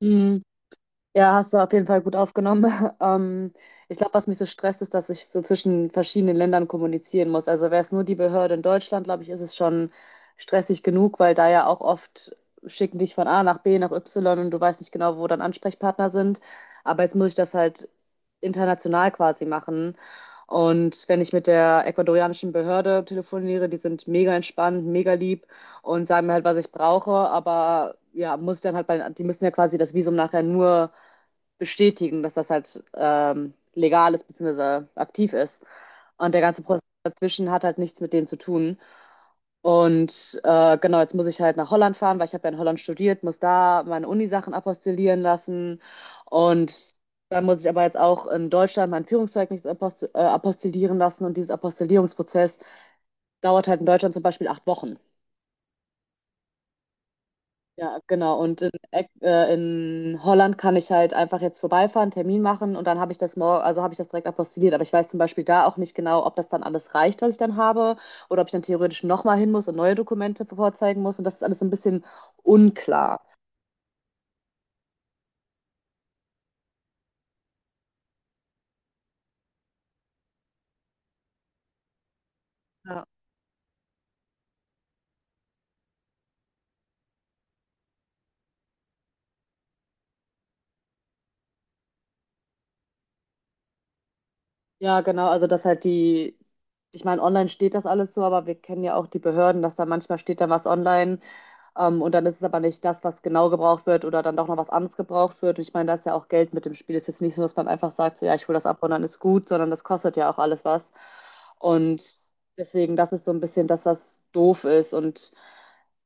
Mhm. Ja, hast du auf jeden Fall gut aufgenommen. Ähm, Ich glaube, was mich so stresst, ist, dass ich so zwischen verschiedenen Ländern kommunizieren muss. Also wäre es nur die Behörde in Deutschland, glaube ich, ist es schon stressig genug, weil da ja auch oft schicken dich von A nach B nach Y und du weißt nicht genau, wo dann Ansprechpartner sind. Aber jetzt muss ich das halt international quasi machen. Und wenn ich mit der ecuadorianischen Behörde telefoniere, die sind mega entspannt, mega lieb und sagen mir halt, was ich brauche, aber ja, muss ich dann halt die müssen ja quasi das Visum nachher nur bestätigen, dass das halt legal ist bzw. aktiv ist. Und der ganze Prozess dazwischen hat halt nichts mit denen zu tun. Und genau, jetzt muss ich halt nach Holland fahren, weil ich habe ja in Holland studiert, muss da meine Uni-Sachen apostillieren lassen. Und dann muss ich aber jetzt auch in Deutschland mein Führungszeugnis apostillieren lassen. Und dieses Apostillierungsprozess dauert halt in Deutschland zum Beispiel 8 Wochen. Ja, genau. Und in Holland kann ich halt einfach jetzt vorbeifahren, Termin machen und dann habe ich das morgen, also habe ich das direkt apostilliert. Aber ich weiß zum Beispiel da auch nicht genau, ob das dann alles reicht, was ich dann habe, oder ob ich dann theoretisch nochmal hin muss und neue Dokumente vorzeigen muss. Und das ist alles so ein bisschen unklar. Ja. Ja, genau. Also dass halt die, ich meine, online steht das alles so, aber wir kennen ja auch die Behörden, dass da manchmal steht da was online. Und dann ist es aber nicht das, was genau gebraucht wird oder dann doch noch was anderes gebraucht wird. Und ich meine, da ist ja auch Geld mit dem Spiel. Es ist jetzt nicht so, dass man einfach sagt, so, ja, ich hole das ab und dann ist gut, sondern das kostet ja auch alles was. Und deswegen, das ist so ein bisschen das, was doof ist. Und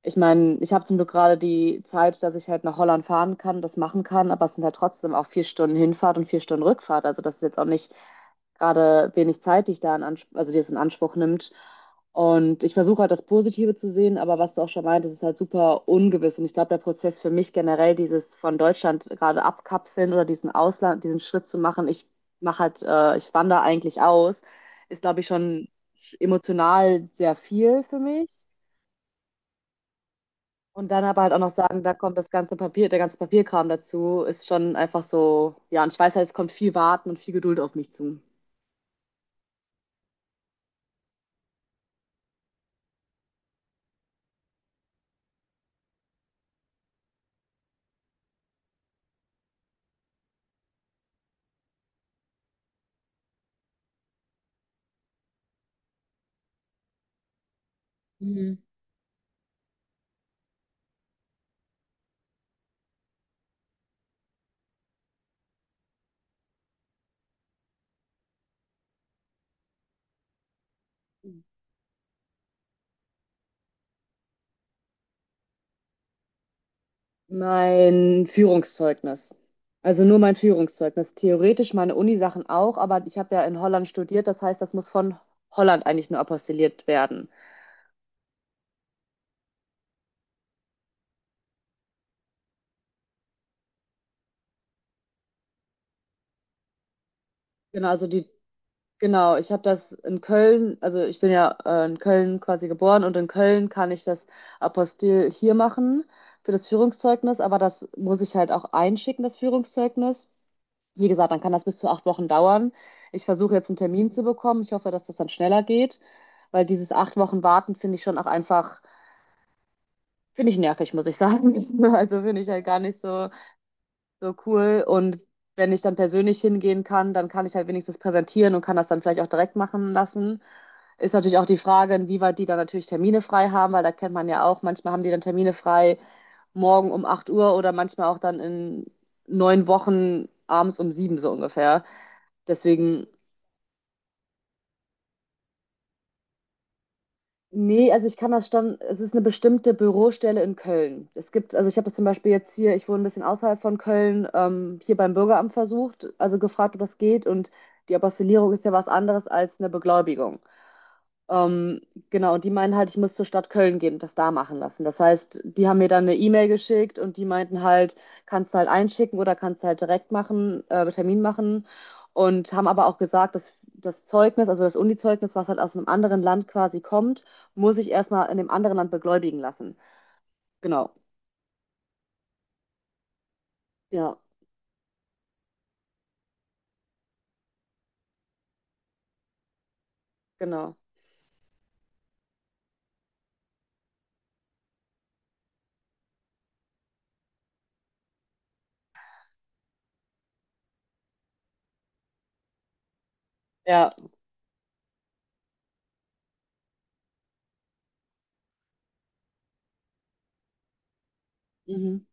ich meine, ich habe zum Glück gerade die Zeit, dass ich halt nach Holland fahren kann, das machen kann, aber es sind halt trotzdem auch 4 Stunden Hinfahrt und 4 Stunden Rückfahrt. Also das ist jetzt auch nicht gerade wenig Zeit, die ich da in Anspruch, also die es in Anspruch nimmt. Und ich versuche halt das Positive zu sehen, aber was du auch schon meintest, ist halt super ungewiss. Und ich glaube, der Prozess für mich generell, dieses von Deutschland gerade abkapseln oder diesen Ausland, diesen Schritt zu machen, ich wandere eigentlich aus, ist, glaube ich, schon emotional sehr viel für mich. Und dann aber halt auch noch sagen, da kommt das ganze Papier, der ganze Papierkram dazu, ist schon einfach so, ja, und ich weiß halt, es kommt viel Warten und viel Geduld auf mich zu. Mhm. Mein Führungszeugnis. Also nur mein Führungszeugnis. Theoretisch meine Unisachen auch, aber ich habe ja in Holland studiert, das heißt, das muss von Holland eigentlich nur apostilliert werden. Genau, also die, genau, ich habe das in Köln, also ich bin ja in Köln quasi geboren und in Köln kann ich das Apostil hier machen für das Führungszeugnis, aber das muss ich halt auch einschicken, das Führungszeugnis. Wie gesagt, dann kann das bis zu 8 Wochen dauern. Ich versuche jetzt einen Termin zu bekommen. Ich hoffe, dass das dann schneller geht, weil dieses 8 Wochen Warten finde ich schon auch einfach, finde ich nervig, muss ich sagen. Also finde ich halt gar nicht so, so cool. Und wenn ich dann persönlich hingehen kann, dann kann ich halt wenigstens präsentieren und kann das dann vielleicht auch direkt machen lassen. Ist natürlich auch die Frage, inwieweit die dann natürlich Termine frei haben, weil da kennt man ja auch, manchmal haben die dann Termine frei morgen um 8 Uhr oder manchmal auch dann in 9 Wochen abends um 7 so ungefähr. Deswegen, nee, also ich kann das schon, es ist eine bestimmte Bürostelle in Köln. Es gibt, also ich habe das zum Beispiel jetzt hier, ich wohne ein bisschen außerhalb von Köln, hier beim Bürgeramt versucht, also gefragt, ob das geht. Und die Apostillierung ist ja was anderes als eine Beglaubigung. Ähm, genau, die meinen halt, ich muss zur Stadt Köln gehen und das da machen lassen. Das heißt, die haben mir dann eine E-Mail geschickt und die meinten halt, kannst du halt einschicken oder kannst du halt direkt machen, Termin machen. Und haben aber auch gesagt, dass das Zeugnis, also das Uni-Zeugnis, was halt aus einem anderen Land quasi kommt, muss ich erstmal in dem anderen Land beglaubigen lassen. Genau. Ja, genau. Ja. Mhm.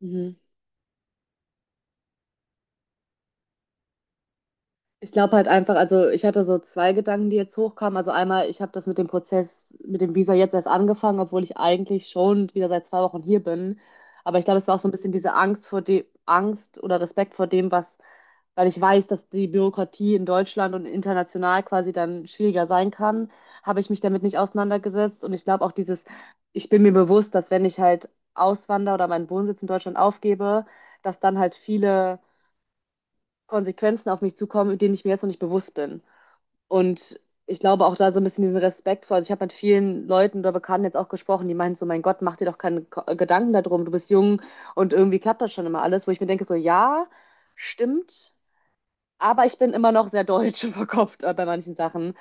Mhm. Ich glaube halt einfach, also ich hatte so zwei Gedanken, die jetzt hochkamen. Also einmal, ich habe das mit dem Prozess, mit dem Visa jetzt erst angefangen, obwohl ich eigentlich schon wieder seit 2 Wochen hier bin. Aber ich glaube, es war auch so ein bisschen diese Angst vor dem, Angst oder Respekt vor dem, was, weil ich weiß, dass die Bürokratie in Deutschland und international quasi dann schwieriger sein kann, habe ich mich damit nicht auseinandergesetzt. Und ich glaube auch dieses, ich bin mir bewusst, dass wenn ich halt auswandere oder meinen Wohnsitz in Deutschland aufgebe, dass dann halt viele Konsequenzen auf mich zukommen, denen ich mir jetzt noch nicht bewusst bin. Und ich glaube auch da so ein bisschen diesen Respekt vor. Also ich habe mit vielen Leuten oder Bekannten jetzt auch gesprochen, die meinen so, mein Gott, mach dir doch keine Gedanken darum, du bist jung und irgendwie klappt das schon immer alles, wo ich mir denke, so ja, stimmt, aber ich bin immer noch sehr deutsch verkopft bei manchen Sachen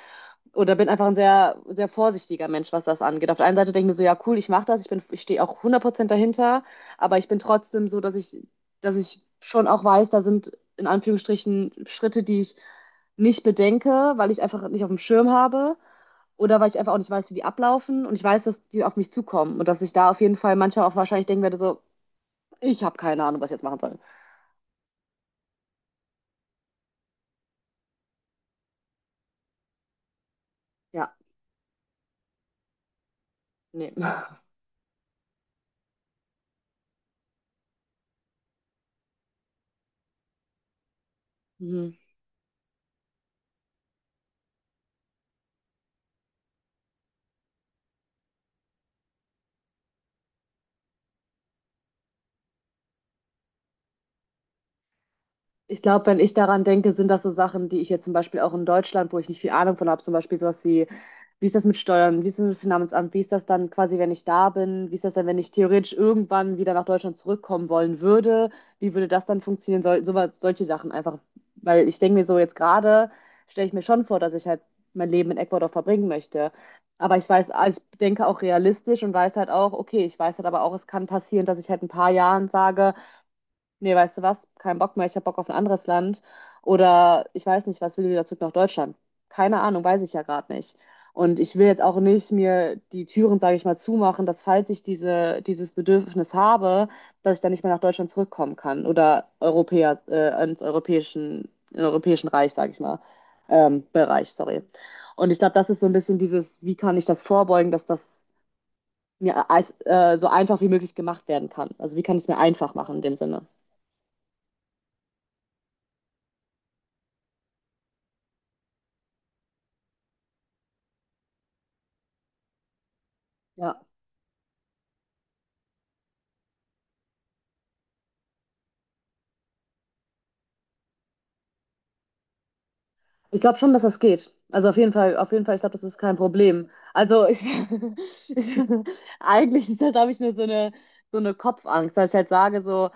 oder bin einfach ein sehr, sehr vorsichtiger Mensch, was das angeht. Auf der einen Seite denke ich mir so, ja, cool, ich mache das, ich bin, ich stehe auch 100% dahinter, aber ich bin trotzdem so, dass ich schon auch weiß, da sind in Anführungsstrichen Schritte, die ich nicht bedenke, weil ich einfach nicht auf dem Schirm habe oder weil ich einfach auch nicht weiß, wie die ablaufen und ich weiß, dass die auf mich zukommen und dass ich da auf jeden Fall manchmal auch wahrscheinlich denken werde, so, ich habe keine Ahnung, was ich jetzt machen soll. Ja, nee. Mhm. Ich glaube, wenn ich daran denke, sind das so Sachen, die ich jetzt zum Beispiel auch in Deutschland, wo ich nicht viel Ahnung von habe, zum Beispiel sowas wie, wie ist das mit Steuern, wie ist das mit Finanzamt, wie ist das dann quasi, wenn ich da bin, wie ist das dann, wenn ich theoretisch irgendwann wieder nach Deutschland zurückkommen wollen würde, wie würde das dann funktionieren, so, so, solche Sachen einfach, weil ich denke mir so jetzt gerade, stelle ich mir schon vor, dass ich halt mein Leben in Ecuador verbringen möchte. Aber ich weiß, also ich denke auch realistisch und weiß halt auch, okay, ich weiß halt aber auch, es kann passieren, dass ich halt in ein paar Jahren sage, nee, weißt du was, kein Bock mehr, ich habe Bock auf ein anderes Land oder ich weiß nicht, was will wieder zurück nach Deutschland. Keine Ahnung, weiß ich ja gerade nicht. Und ich will jetzt auch nicht mir die Türen, sage ich mal, zumachen, dass falls ich dieses Bedürfnis habe, dass ich dann nicht mehr nach Deutschland zurückkommen kann oder in europäischen Reich, sage ich mal, Bereich, sorry. Und ich glaube, das ist so ein bisschen dieses, wie kann ich das vorbeugen, dass das mir so einfach wie möglich gemacht werden kann. Also wie kann ich es mir einfach machen in dem Sinne? Ja. Ich glaube schon, dass das geht. Also auf jeden Fall, ich glaube, das ist kein Problem. Also ich, ich eigentlich ist das, habe ich nur so eine Kopfangst, dass ich halt sage, so,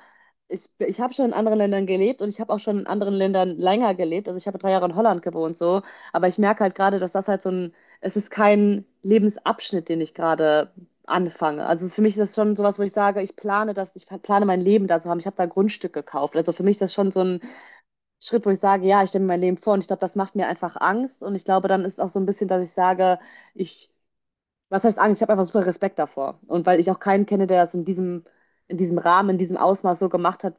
ich habe schon in anderen Ländern gelebt und ich habe auch schon in anderen Ländern länger gelebt. Also ich habe 3 Jahre in Holland gewohnt, so. Aber ich merke halt gerade, dass das halt so ein, es ist kein Lebensabschnitt, den ich gerade anfange. Also für mich ist das schon sowas, wo ich sage, ich plane das, ich plane mein Leben da zu haben. Ich habe da Grundstück gekauft. Also für mich ist das schon so ein Schritt, wo ich sage, ja, ich stelle mir mein Leben vor und ich glaube, das macht mir einfach Angst und ich glaube, dann ist auch so ein bisschen, dass ich sage, ich, was heißt Angst? Ich habe einfach super Respekt davor und weil ich auch keinen kenne, der das in diesem Rahmen, in diesem Ausmaß so gemacht hat,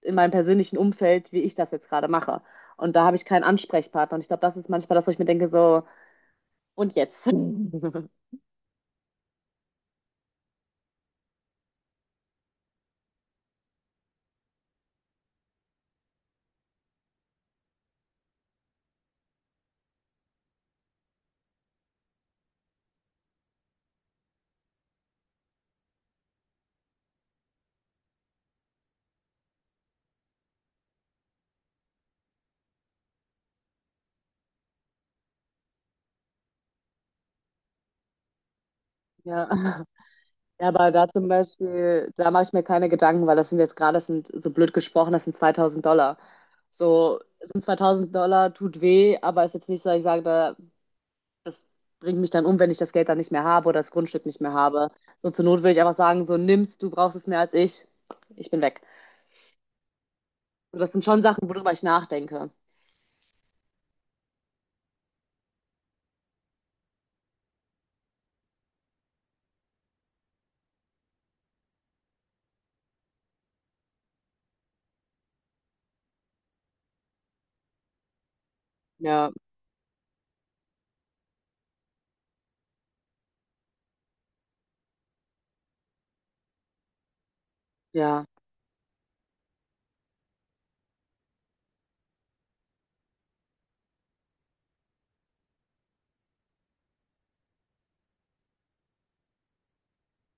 in meinem persönlichen Umfeld, wie ich das jetzt gerade mache. Und da habe ich keinen Ansprechpartner und ich glaube, das ist manchmal das, wo ich mir denke, so, und jetzt? Ja. Ja, aber da zum Beispiel, da mache ich mir keine Gedanken, weil das sind jetzt gerade, das sind so blöd gesprochen, das sind $2.000. So, sind $2.000 tut weh, aber ist jetzt nicht so, dass ich sage, da, das bringt mich dann um, wenn ich das Geld dann nicht mehr habe oder das Grundstück nicht mehr habe. So, zur Not würde ich einfach sagen, so nimmst, du brauchst es mehr als ich bin weg. So, das sind schon Sachen, worüber ich nachdenke. Ja, ja.